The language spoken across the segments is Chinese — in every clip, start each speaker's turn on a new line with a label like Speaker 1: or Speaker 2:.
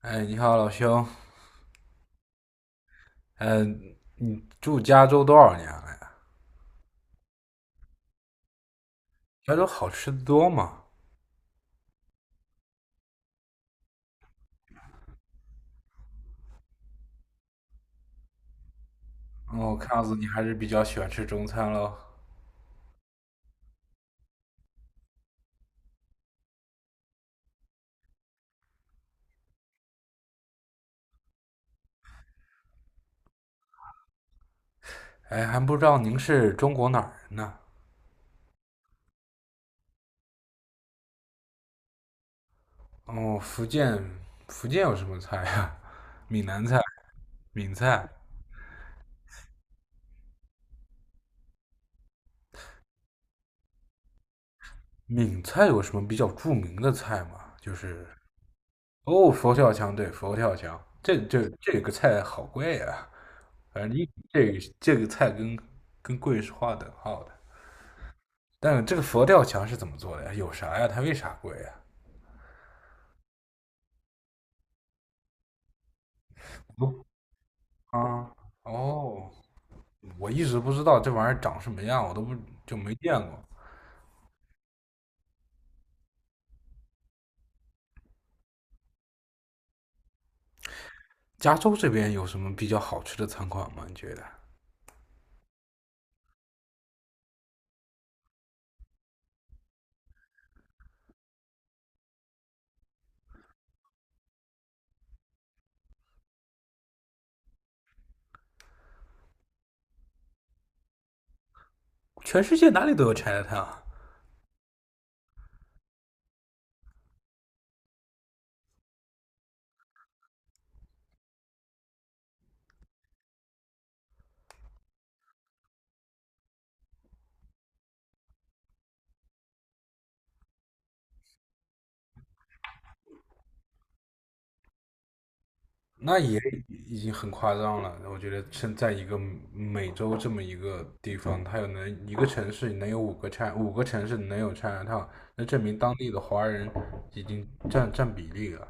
Speaker 1: 哎，你好，老兄。嗯，你住加州多少年了呀？加州好吃的多吗？哦，看样子你还是比较喜欢吃中餐喽。哎，还不知道您是中国哪儿人呢？哦，福建，福建有什么菜呀？闽南菜、闽菜、闽菜有什么比较著名的菜吗？就是哦，佛跳墙。对，佛跳墙，这个菜好贵呀。反正一这个这个菜跟贵是划等号的。但这个佛跳墙是怎么做的呀？有啥呀？它为啥贵呀？不，啊，哦，我一直不知道这玩意儿长什么样，我都不，就没见过。加州这边有什么比较好吃的餐馆吗？你觉得？全世界哪里都有 China Town。那也已经很夸张了。我觉得身在一个美洲这么一个地方，它有能一个城市能有五个 China，五个城市能有 China Town，那证明当地的华人已经占比例了。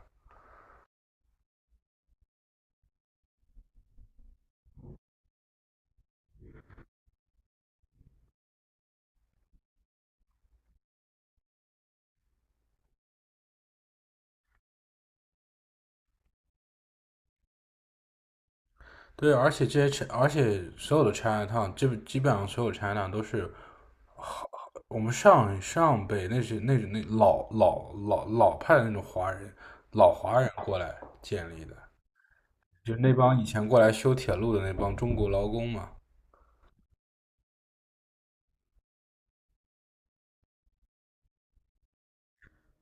Speaker 1: 对，而且所有的 China Town，基本上所有 China Town 都是我们上上辈那是那种那老老老老派的那种华人，老华人过来建立的，就那帮以前过来修铁路的那帮中国劳工嘛。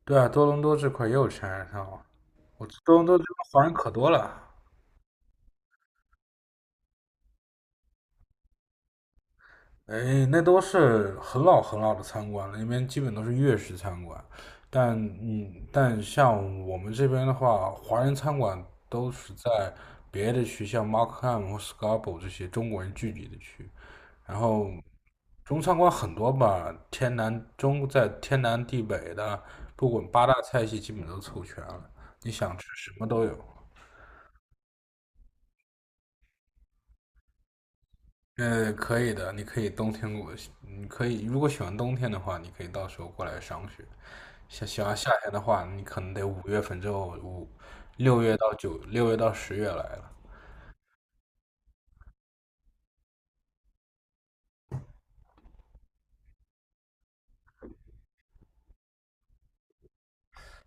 Speaker 1: 对啊，多伦多这块也有 China Town，我多伦多这边华人可多了。哎，那都是很老很老的餐馆了，那边基本都是粤式餐馆。但像我们这边的话，华人餐馆都是在别的区，像 Markham 或 Scarborough 这些中国人聚集的区。然后中餐馆很多吧，天南中在天南地北的，不管八大菜系基本都凑全了，你想吃什么都有。可以的，你可以如果喜欢冬天的话，你可以到时候过来赏雪。想喜欢夏天的话，你可能得5月份之后，五六月到九6月到10月来了。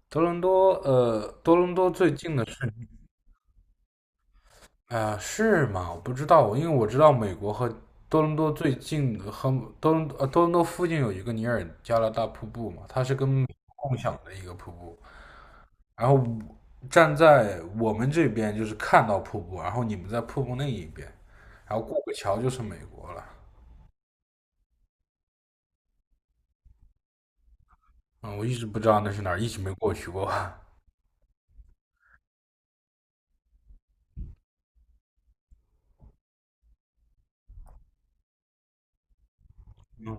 Speaker 1: 多伦多，多伦多最近的是，啊，是吗？我不知道，因为我知道美国和多伦多最近的和多伦多附近有一个尼尔加拉大瀑布嘛，它是跟美国共享的一个瀑布。然后站在我们这边就是看到瀑布，然后你们在瀑布那一边，然后过个桥就是美国了。嗯，我一直不知道那是哪儿，一直没过去过。嗯，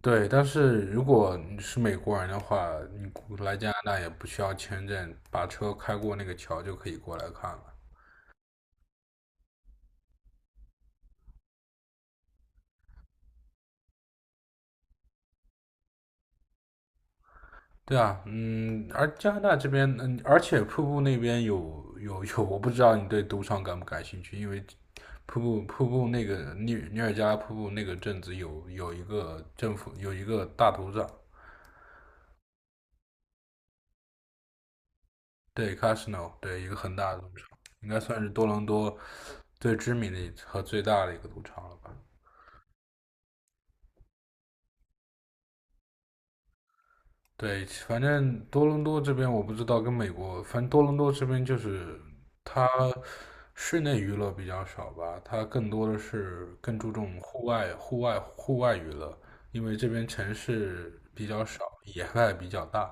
Speaker 1: 对，但是如果你是美国人的话，你过来加拿大也不需要签证，把车开过那个桥就可以过来看了。对啊，嗯，而加拿大这边。嗯，而且瀑布那边有有有，我不知道你对赌场感不感兴趣，因为瀑布那个尼尔加拉瀑布那个镇子有一个政府有一个大赌场。对，casino，对，一个很大的赌场，应该算是多伦多最知名的和最大的一个赌场了吧。对，反正多伦多这边我不知道，跟美国，反正多伦多这边就是它室内娱乐比较少吧，它更多的是更注重户外娱乐，因为这边城市比较少，野外比较大。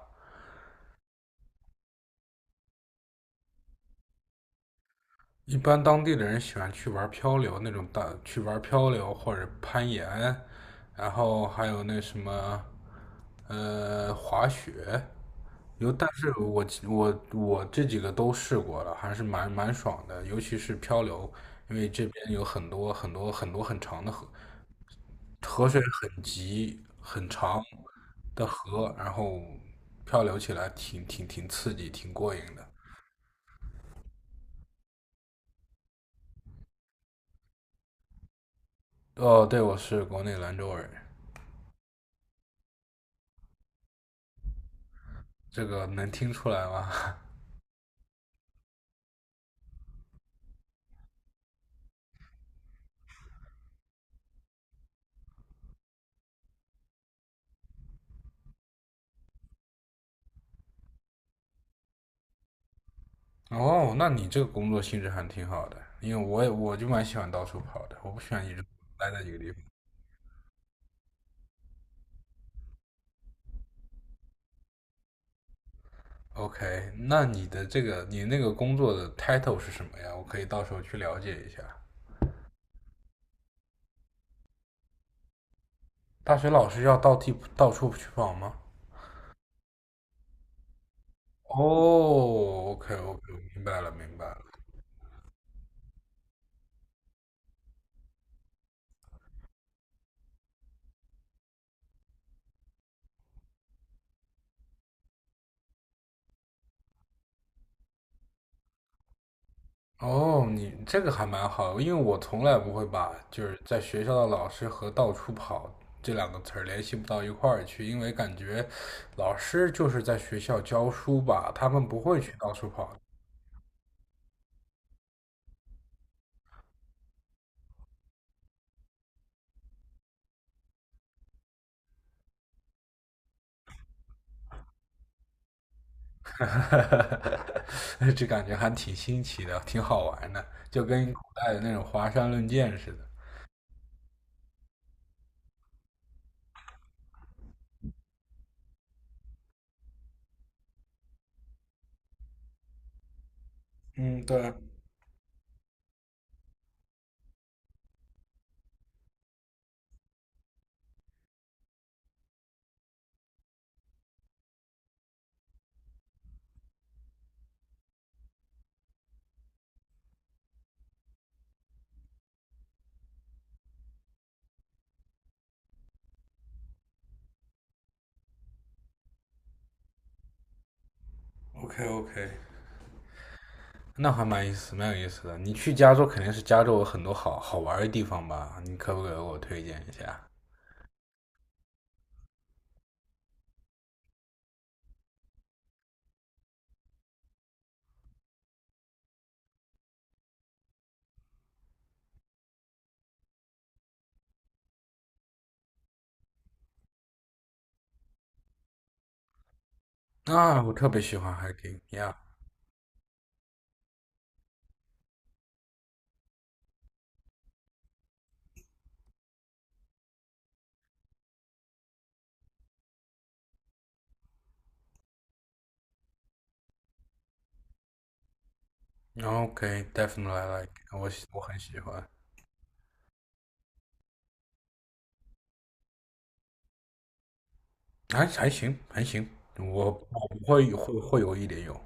Speaker 1: 一般当地的人喜欢去玩漂流或者攀岩，然后还有那什么，滑雪。有，但是我这几个都试过了，还是蛮爽的，尤其是漂流，因为这边有很多很长的河，河水很急很长的河，然后漂流起来挺刺激，挺过瘾的。哦，对，我是国内兰州人，这个能听出来吗？哦，那你这个工作性质还挺好的，因为我就蛮喜欢到处跑的，我不喜欢一直待在一个地方。OK，那你那个工作的 title 是什么呀？我可以到时候去了解一下。大学老师要到处去跑吗？哦，OK， OK，明白了，明白了。哦，你这个还蛮好，因为我从来不会把就是在学校的老师和到处跑这两个词儿联系不到一块儿去，因为感觉老师就是在学校教书吧，他们不会去到处跑。哈哈哈，这感觉还挺新奇的，挺好玩的，就跟古代的那种华山论剑似的。嗯，对，OK， OK，那还蛮有意思的。你去加州肯定是加州有很多好玩的地方吧？你可不可以给我推荐一下？啊，我特别喜欢 h i k i o k d e f i n i t e l y 我很喜欢，还行，还行，我我不会有一点，有。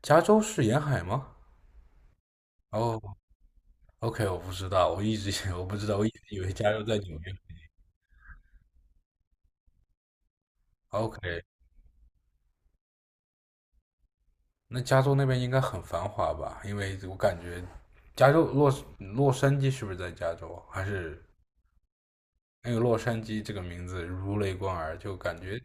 Speaker 1: 加州是沿海吗？哦，OK，我不知道，我一直 我不知道，我一直以为加州在纽约。OK，那加州那边应该很繁华吧？因为我感觉加州洛杉矶是不是在加州？还是那个洛杉矶这个名字如雷贯耳，就感觉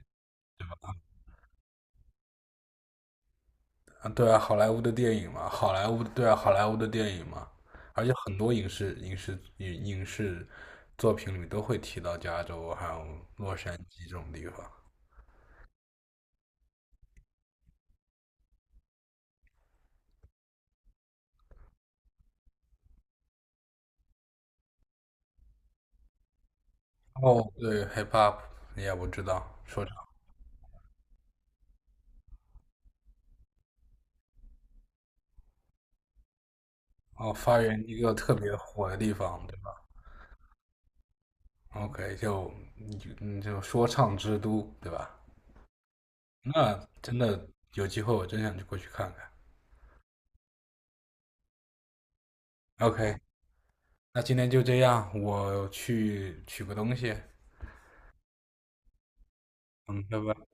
Speaker 1: 啊，对啊，好莱坞的电影嘛，好莱坞的对啊，好莱坞的电影嘛，而且很多影视作品里都会提到加州还有洛杉矶这种地方。哦，对，hip hop，也我知道，说唱。哦，发源一个特别火的地方，对吧？OK，就你就嗯就说唱之都，对吧？那真的有机会，我真想过去看看。OK，那今天就这样，我去取个东西。嗯，拜拜。